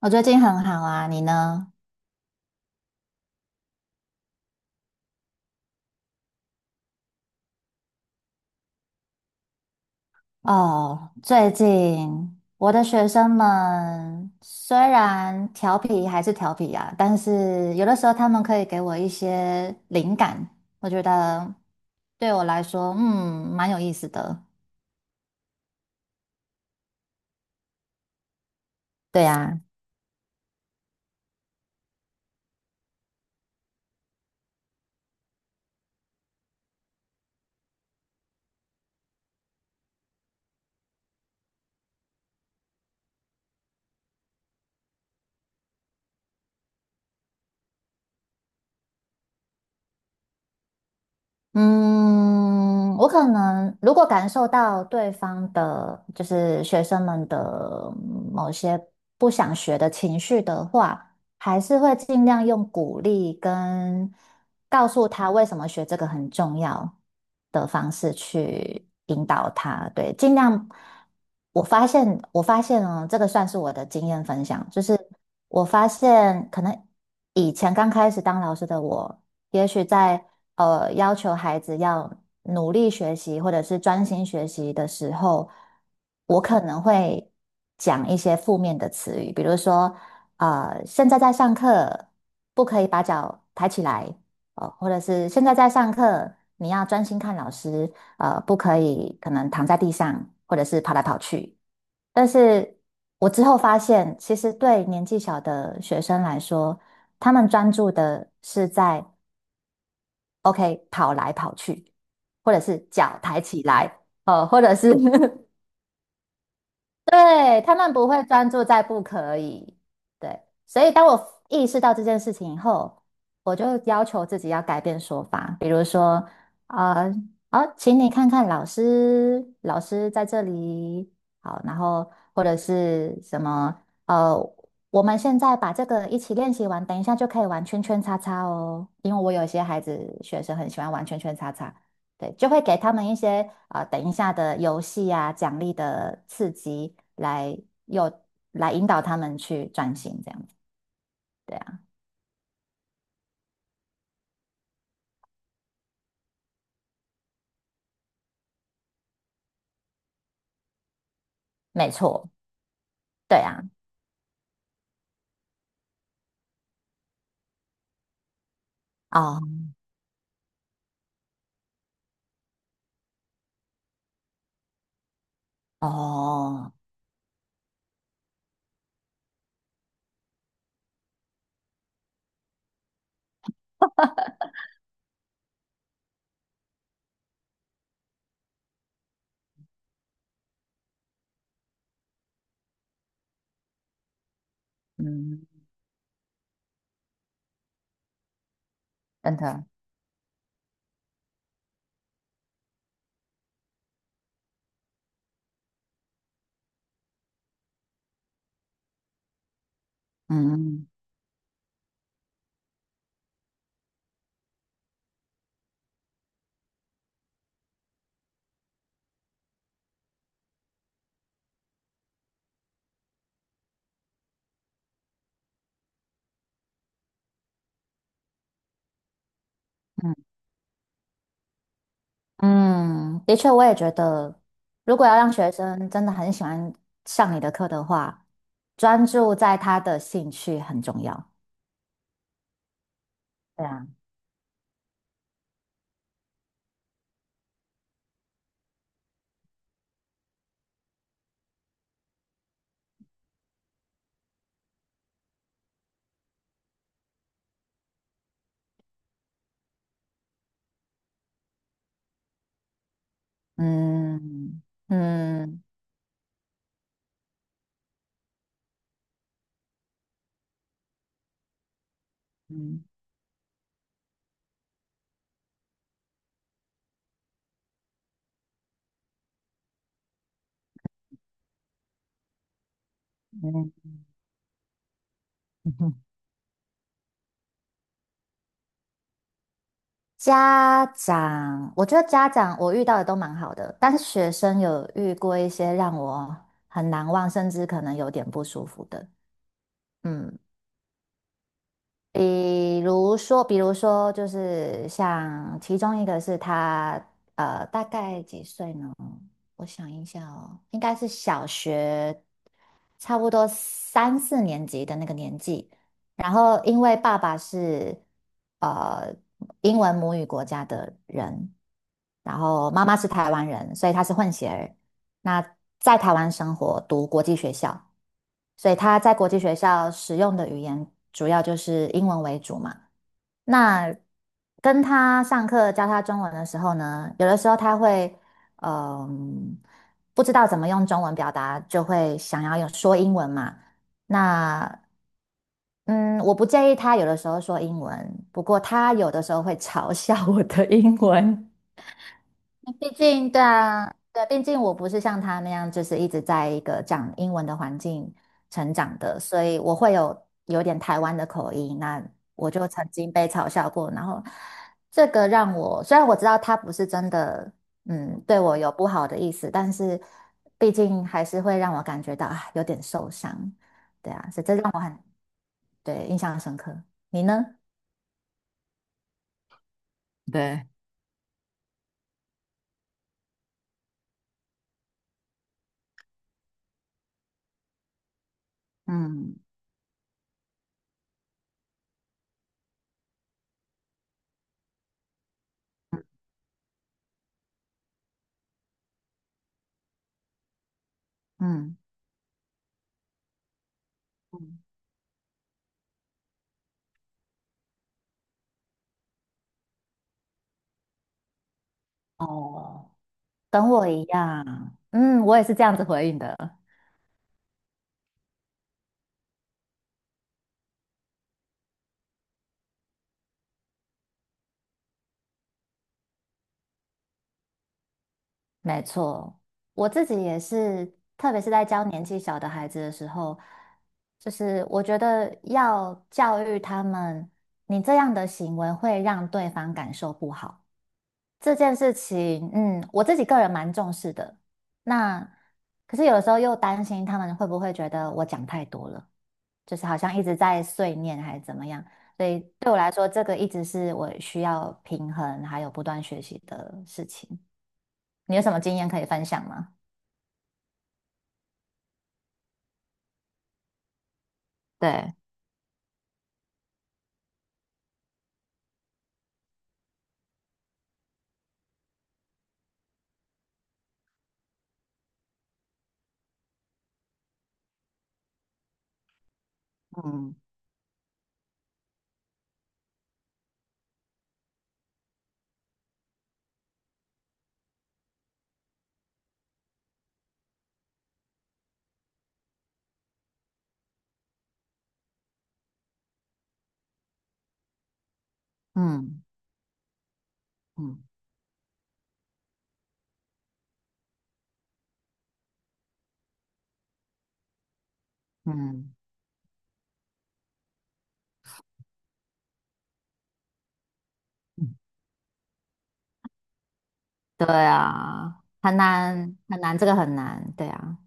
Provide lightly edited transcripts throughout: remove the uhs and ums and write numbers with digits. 我最近很好啊，你呢？哦，最近我的学生们虽然调皮还是调皮啊，但是有的时候他们可以给我一些灵感，我觉得对我来说，蛮有意思的。对呀。嗯，我可能如果感受到对方的，就是学生们的某些不想学的情绪的话。还是会尽量用鼓励跟告诉他为什么学这个很重要的方式去引导他。对，尽量。我发现哦，这个算是我的经验分享，就是我发现可能以前刚开始当老师的我，也许在要求孩子要努力学习或者是专心学习的时候，我可能会讲一些负面的词语，比如说。现在在上课，不可以把脚抬起来。或者是现在在上课，你要专心看老师。不可以可能躺在地上，或者是跑来跑去。但是我之后发现，其实对年纪小的学生来说，他们专注的是在 OK 跑来跑去，或者是脚抬起来，或者是 对，他们不会专注在不可以。对，所以当我意识到这件事情以后，我就要求自己要改变说法，比如说，呃，好，请你看看老师，老师在这里。好，然后或者是什么，呃，我们现在把这个一起练习完，等一下就可以玩圈圈叉叉哦，因为我有些孩子学生很喜欢玩圈圈叉叉。对，就会给他们一些啊、等一下的游戏啊、奖励的刺激来诱引导他们去专心这样子。对啊。没错。对啊。哦哦。嗯。真的。嗯嗯嗯。的确，我也觉得，如果要让学生真的很喜欢上你的课的话，专注在他的兴趣很重要。对啊。嗯嗯嗯嗯。嗯 家长，我觉得家长我遇到的都蛮好的，但是学生有遇过一些让我很难忘，甚至可能有点不舒服的。嗯，比如说就是像其中一个是他，大概几岁呢？我想一下哦，应该是小学，差不多三四年级的那个年纪。然后，因为爸爸是呃英文母语国家的人。然后妈妈是台湾人，所以她是混血儿。那在台湾生活，读国际学校，所以她在国际学校使用的语言主要就是英文为主嘛。那跟她上课教她中文的时候呢，有的时候她会，嗯、不知道怎么用中文表达，就会想要有说英文嘛。那嗯，我不介意她有的时候说英文，不过她有的时候会嘲笑我的英文。毕竟，对啊，对，毕竟我不是像他那样，就是一直在一个讲英文的环境成长的，所以我会有点台湾的口音。那我就曾经被嘲笑过，然后这个让我，虽然我知道他不是真的，对我有不好的意思，但是毕竟还是会让我感觉到啊，有点受伤。对啊，所以这让我很，对，印象深刻。你呢？对。嗯嗯嗯。哦。跟我一样，我也是这样子回应的。没错，我自己也是，特别是在教年纪小的孩子的时候，就是我觉得要教育他们，你这样的行为会让对方感受不好，这件事情，我自己个人蛮重视的。那可是有的时候又担心他们会不会觉得我讲太多了。就是好像一直在碎念还是怎么样，所以对我来说，这个一直是我需要平衡还有不断学习的事情。你有什么经验可以分享吗？对。嗯嗯嗯嗯嗯。对啊。很难很难，这个很难。对啊。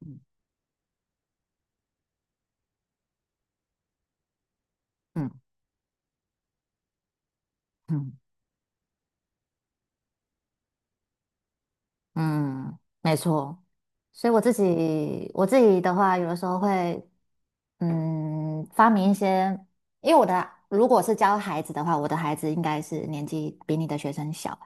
嗯嗯嗯嗯。没错。所以我自己的话，有的时候会发明一些，因为如果是教孩子的话，我的孩子应该是年纪比你的学生小，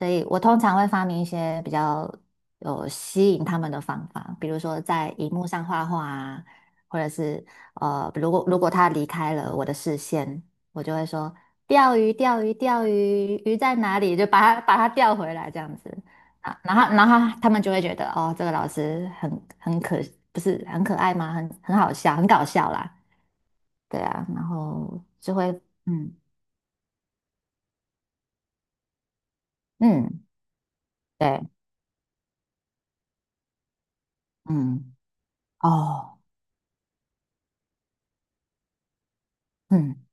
所以我通常会发明一些比较有吸引他们的方法，比如说在荧幕上画画啊，或者是如果他离开了我的视线，我就会说钓鱼，钓鱼，钓鱼，鱼在哪里？就把它钓回来这样子啊，然后他们就会觉得哦，这个老师很很可，不是很可爱吗？很好笑，很搞笑啦。对啊，然后就会。嗯嗯。对。嗯。哦。嗯。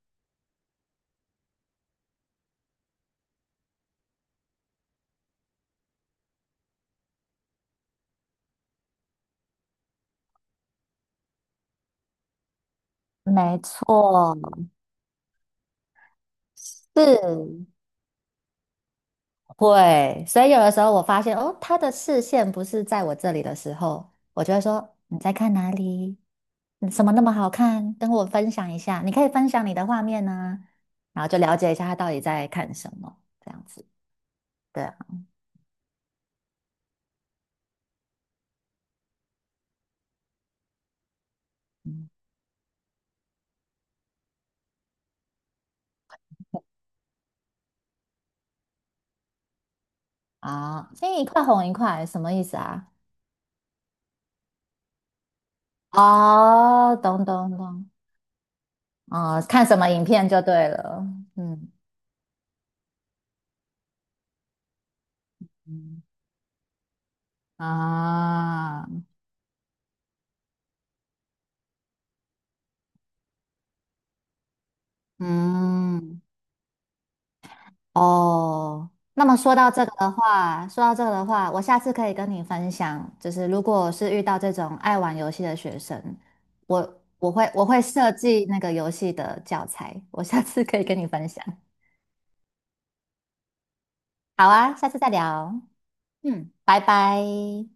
没错，是会。所以有的时候我发现，哦，他的视线不是在我这里的时候，我就会说："你在看哪里？你什么那么好看？跟我分享一下。你可以分享你的画面呢、然后就了解一下他到底在看什么，这样子。"对啊。嗯啊，青一块红一块，什么意思啊？哦，懂懂懂。哦，看什么影片就对了。嗯嗯啊。嗯。哦，那么说到这个的话,我下次可以跟你分享，就是如果我是遇到这种爱玩游戏的学生，我会设计那个游戏的教材，我下次可以跟你分享。好啊，下次再聊。嗯，拜拜。